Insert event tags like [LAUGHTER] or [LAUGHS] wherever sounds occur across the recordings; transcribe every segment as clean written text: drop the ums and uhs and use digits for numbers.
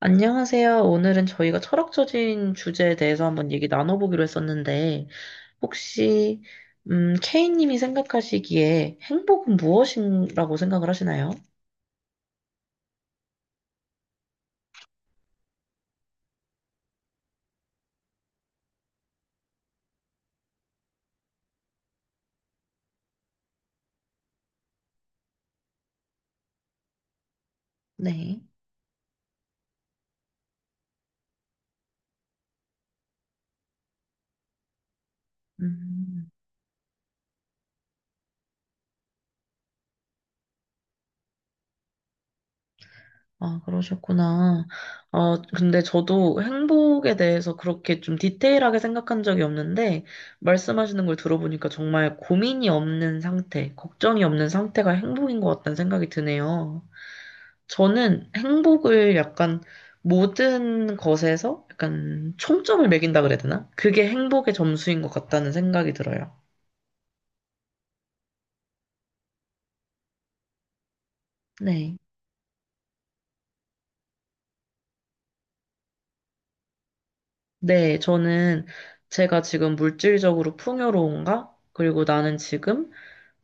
안녕하세요. 오늘은 저희가 철학적인 주제에 대해서 한번 얘기 나눠보기로 했었는데, 혹시, K님이 생각하시기에 행복은 무엇이라고 생각을 하시나요? 네. 음, 아, 그러셨구나. 근데 저도 행복에 대해서 그렇게 좀 디테일하게 생각한 적이 없는데, 말씀하시는 걸 들어보니까 정말 고민이 없는 상태, 걱정이 없는 상태가 행복인 것 같다는 생각이 드네요. 저는 행복을 약간 모든 것에서 약간 총점을 매긴다 그래야 되나? 그게 행복의 점수인 것 같다는 생각이 들어요. 네. 네, 저는 제가 지금 물질적으로 풍요로운가? 그리고 나는 지금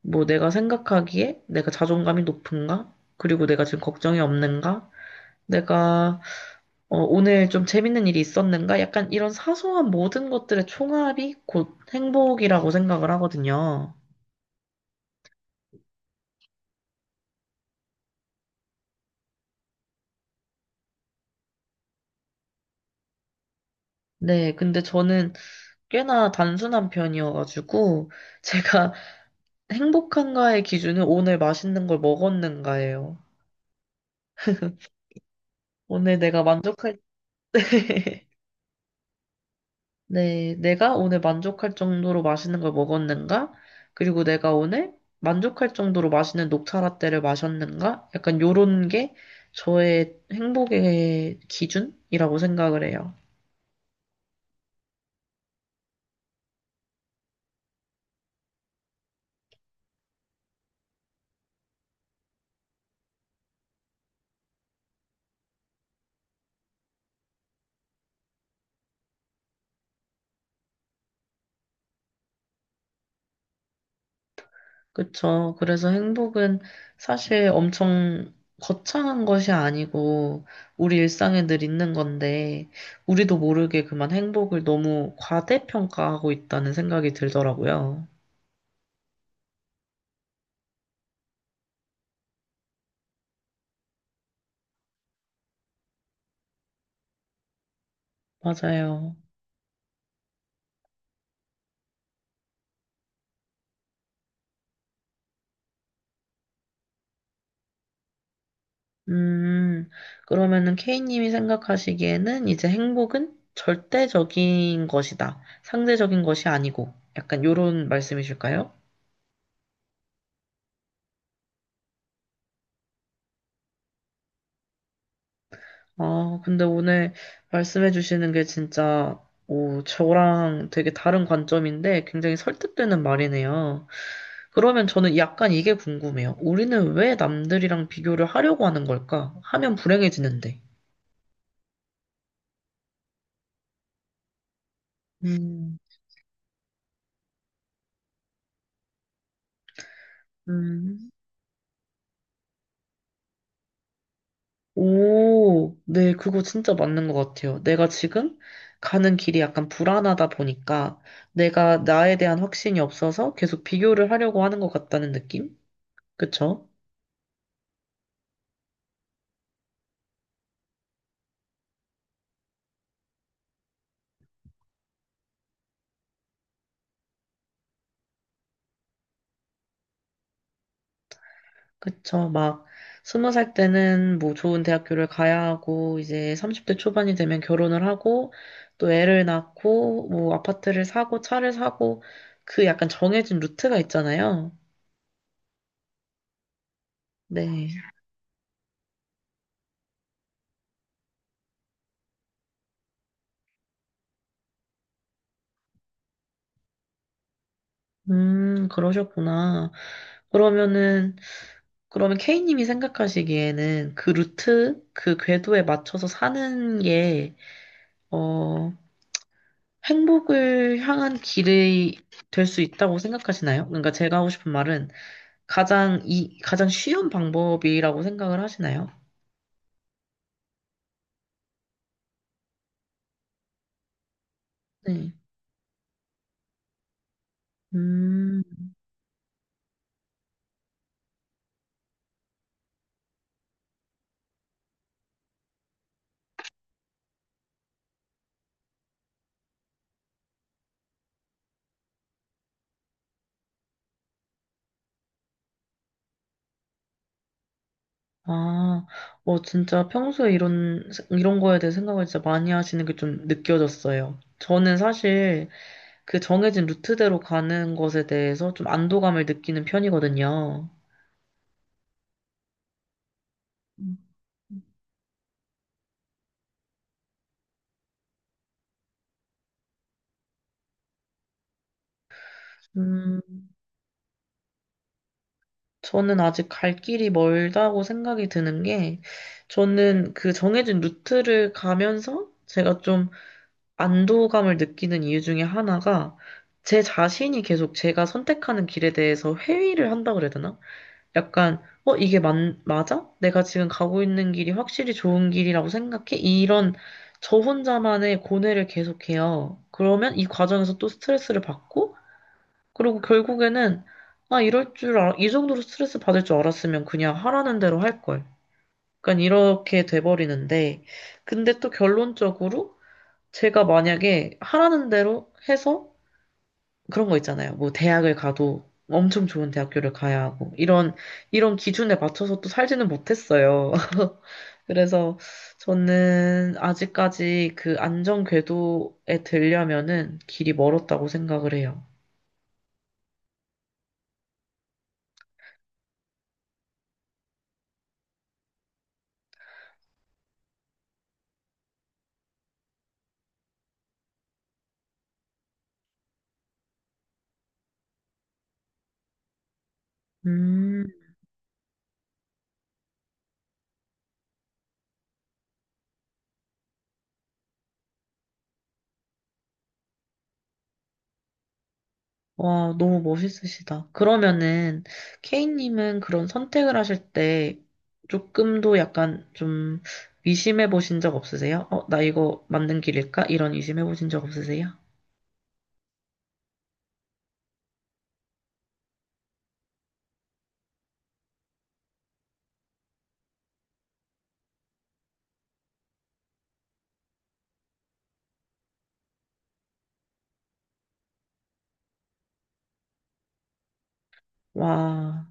뭐 내가 생각하기에 내가 자존감이 높은가? 그리고 내가 지금 걱정이 없는가? 내가 오늘 좀 재밌는 일이 있었는가? 약간 이런 사소한 모든 것들의 총합이 곧 행복이라고 생각을 하거든요. 네, 근데 저는 꽤나 단순한 편이어가지고 제가 [LAUGHS] 행복한가의 기준은 오늘 맛있는 걸 먹었는가예요. 오늘 내가 만족할 때, [LAUGHS] 네, 내가 오늘 만족할 정도로 맛있는 걸 먹었는가? 그리고 내가 오늘 만족할 정도로 맛있는 녹차 라떼를 마셨는가? 약간 요런 게 저의 행복의 기준이라고 생각을 해요. 그쵸. 그래서 행복은 사실 엄청 거창한 것이 아니고 우리 일상에 늘 있는 건데 우리도 모르게 그만 행복을 너무 과대평가하고 있다는 생각이 들더라고요. 맞아요. 음, 그러면은 K님이 생각하시기에는 이제 행복은 절대적인 것이다. 상대적인 것이 아니고 약간 요런 말씀이실까요? 아, 근데 오늘 말씀해 주시는 게 진짜, 오, 저랑 되게 다른 관점인데 굉장히 설득되는 말이네요. 그러면 저는 약간 이게 궁금해요. 우리는 왜 남들이랑 비교를 하려고 하는 걸까? 하면 불행해지는데. 음, 음, 오, 네, 그거 진짜 맞는 것 같아요. 내가 지금 가는 길이 약간 불안하다 보니까 내가 나에 대한 확신이 없어서 계속 비교를 하려고 하는 것 같다는 느낌? 그쵸? 그쵸. 막, 20살 때는 뭐 좋은 대학교를 가야 하고, 이제 30대 초반이 되면 결혼을 하고, 또 애를 낳고, 뭐 아파트를 사고, 차를 사고, 그 약간 정해진 루트가 있잖아요. 네. 그러셨구나. 그러면은, 그러면 K님이 생각하시기에는 그 루트, 그 궤도에 맞춰서 사는 게, 어, 행복을 향한 길이 될 수 있다고 생각하시나요? 그러니까 제가 하고 싶은 말은, 가장 쉬운 방법이라고 생각을 하시나요? 네. 음. 아, 어 진짜 평소에 이런 거에 대해 생각을 진짜 많이 하시는 게 좀 느껴졌어요. 저는 사실 그 정해진 루트대로 가는 것에 대해서 좀 안도감을 느끼는 편이거든요. 음, 저는 아직 갈 길이 멀다고 생각이 드는 게, 저는 그 정해진 루트를 가면서 제가 좀 안도감을 느끼는 이유 중에 하나가 제 자신이 계속 제가 선택하는 길에 대해서 회의를 한다 그래야 되나? 이게 맞아? 내가 지금 가고 있는 길이 확실히 좋은 길이라고 생각해? 이런 저 혼자만의 고뇌를 계속해요. 그러면 이 과정에서 또 스트레스를 받고, 그리고 결국에는, 아, 이 정도로 스트레스 받을 줄 알았으면 그냥 하라는 대로 할 걸. 약간 이렇게 돼버리는데, 근데 또 결론적으로, 제가 만약에 하라는 대로 해서 그런 거 있잖아요. 뭐 대학을 가도 엄청 좋은 대학교를 가야 하고 이런 기준에 맞춰서 또 살지는 못했어요. [LAUGHS] 그래서 저는 아직까지 그 안전 궤도에 들려면은 길이 멀었다고 생각을 해요. 음. 와, 너무 멋있으시다. 그러면은, 케이님은 그런 선택을 하실 때 조금도 약간 좀 의심해 보신 적 없으세요? 어, 나 이거 맞는 길일까? 이런 의심해 보신 적 없으세요? 와,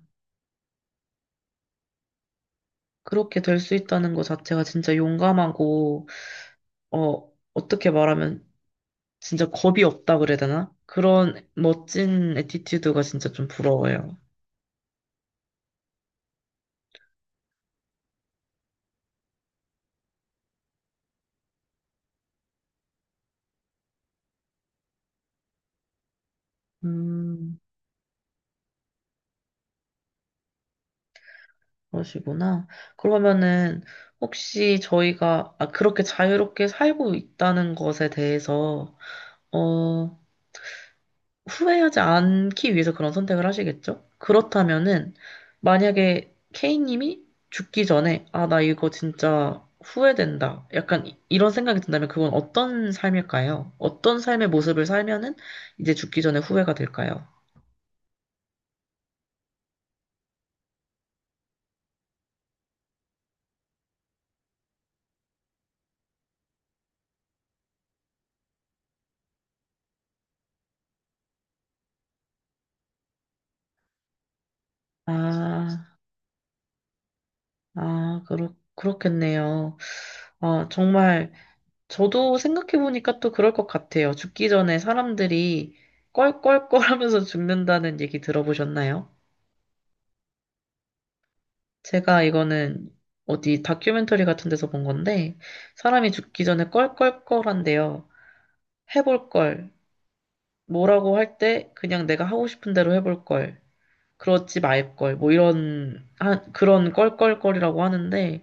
그렇게 될 수 있다는 것 자체가 진짜 용감하고, 어, 어떻게 말하면 진짜 겁이 없다 그래야 되나? 그런 멋진 에티튜드가 진짜 좀 부러워요. 음. 그러시구나. 그러면은 혹시 저희가 아, 그렇게 자유롭게 살고 있다는 것에 대해서 어, 후회하지 않기 위해서 그런 선택을 하시겠죠? 그렇다면은 만약에 K님이 죽기 전에 아, 나 이거 진짜 후회된다. 이런 생각이 든다면 그건 어떤 삶일까요? 어떤 삶의 모습을 살면은 이제 죽기 전에 후회가 될까요? 아, 그렇겠네요. 아, 정말 저도 생각해보니까 또 그럴 것 같아요. 죽기 전에 사람들이 껄껄껄 [LAUGHS] 하면서 죽는다는 얘기 들어보셨나요? 제가 이거는 어디 다큐멘터리 같은 데서 본 건데, 사람이 죽기 전에 껄껄껄 한대요. 해볼 걸. 뭐라고 할 때 그냥 내가 하고 싶은 대로 해볼 걸. 그러지 말 걸. 뭐 이런, 한, 그런 껄껄껄이라고 하는데,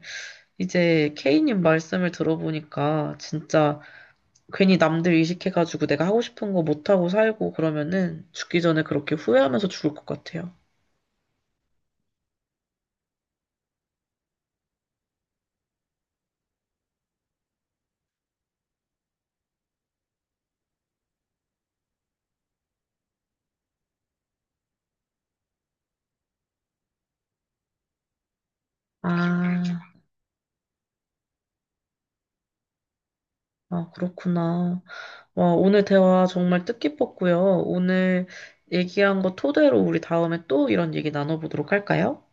이제 케이님 말씀을 들어보니까 진짜 괜히 남들 의식해가지고 내가 하고 싶은 거 못하고 살고 그러면은 죽기 전에 그렇게 후회하면서 죽을 것 같아요. 아, 그렇구나. 와, 오늘 대화 정말 뜻깊었고요. 오늘 얘기한 거 토대로 우리 다음에 또 이런 얘기 나눠보도록 할까요?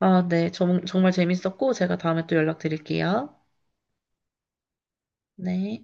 아, 네. 정말 재밌었고 제가 다음에 또 연락드릴게요. 네.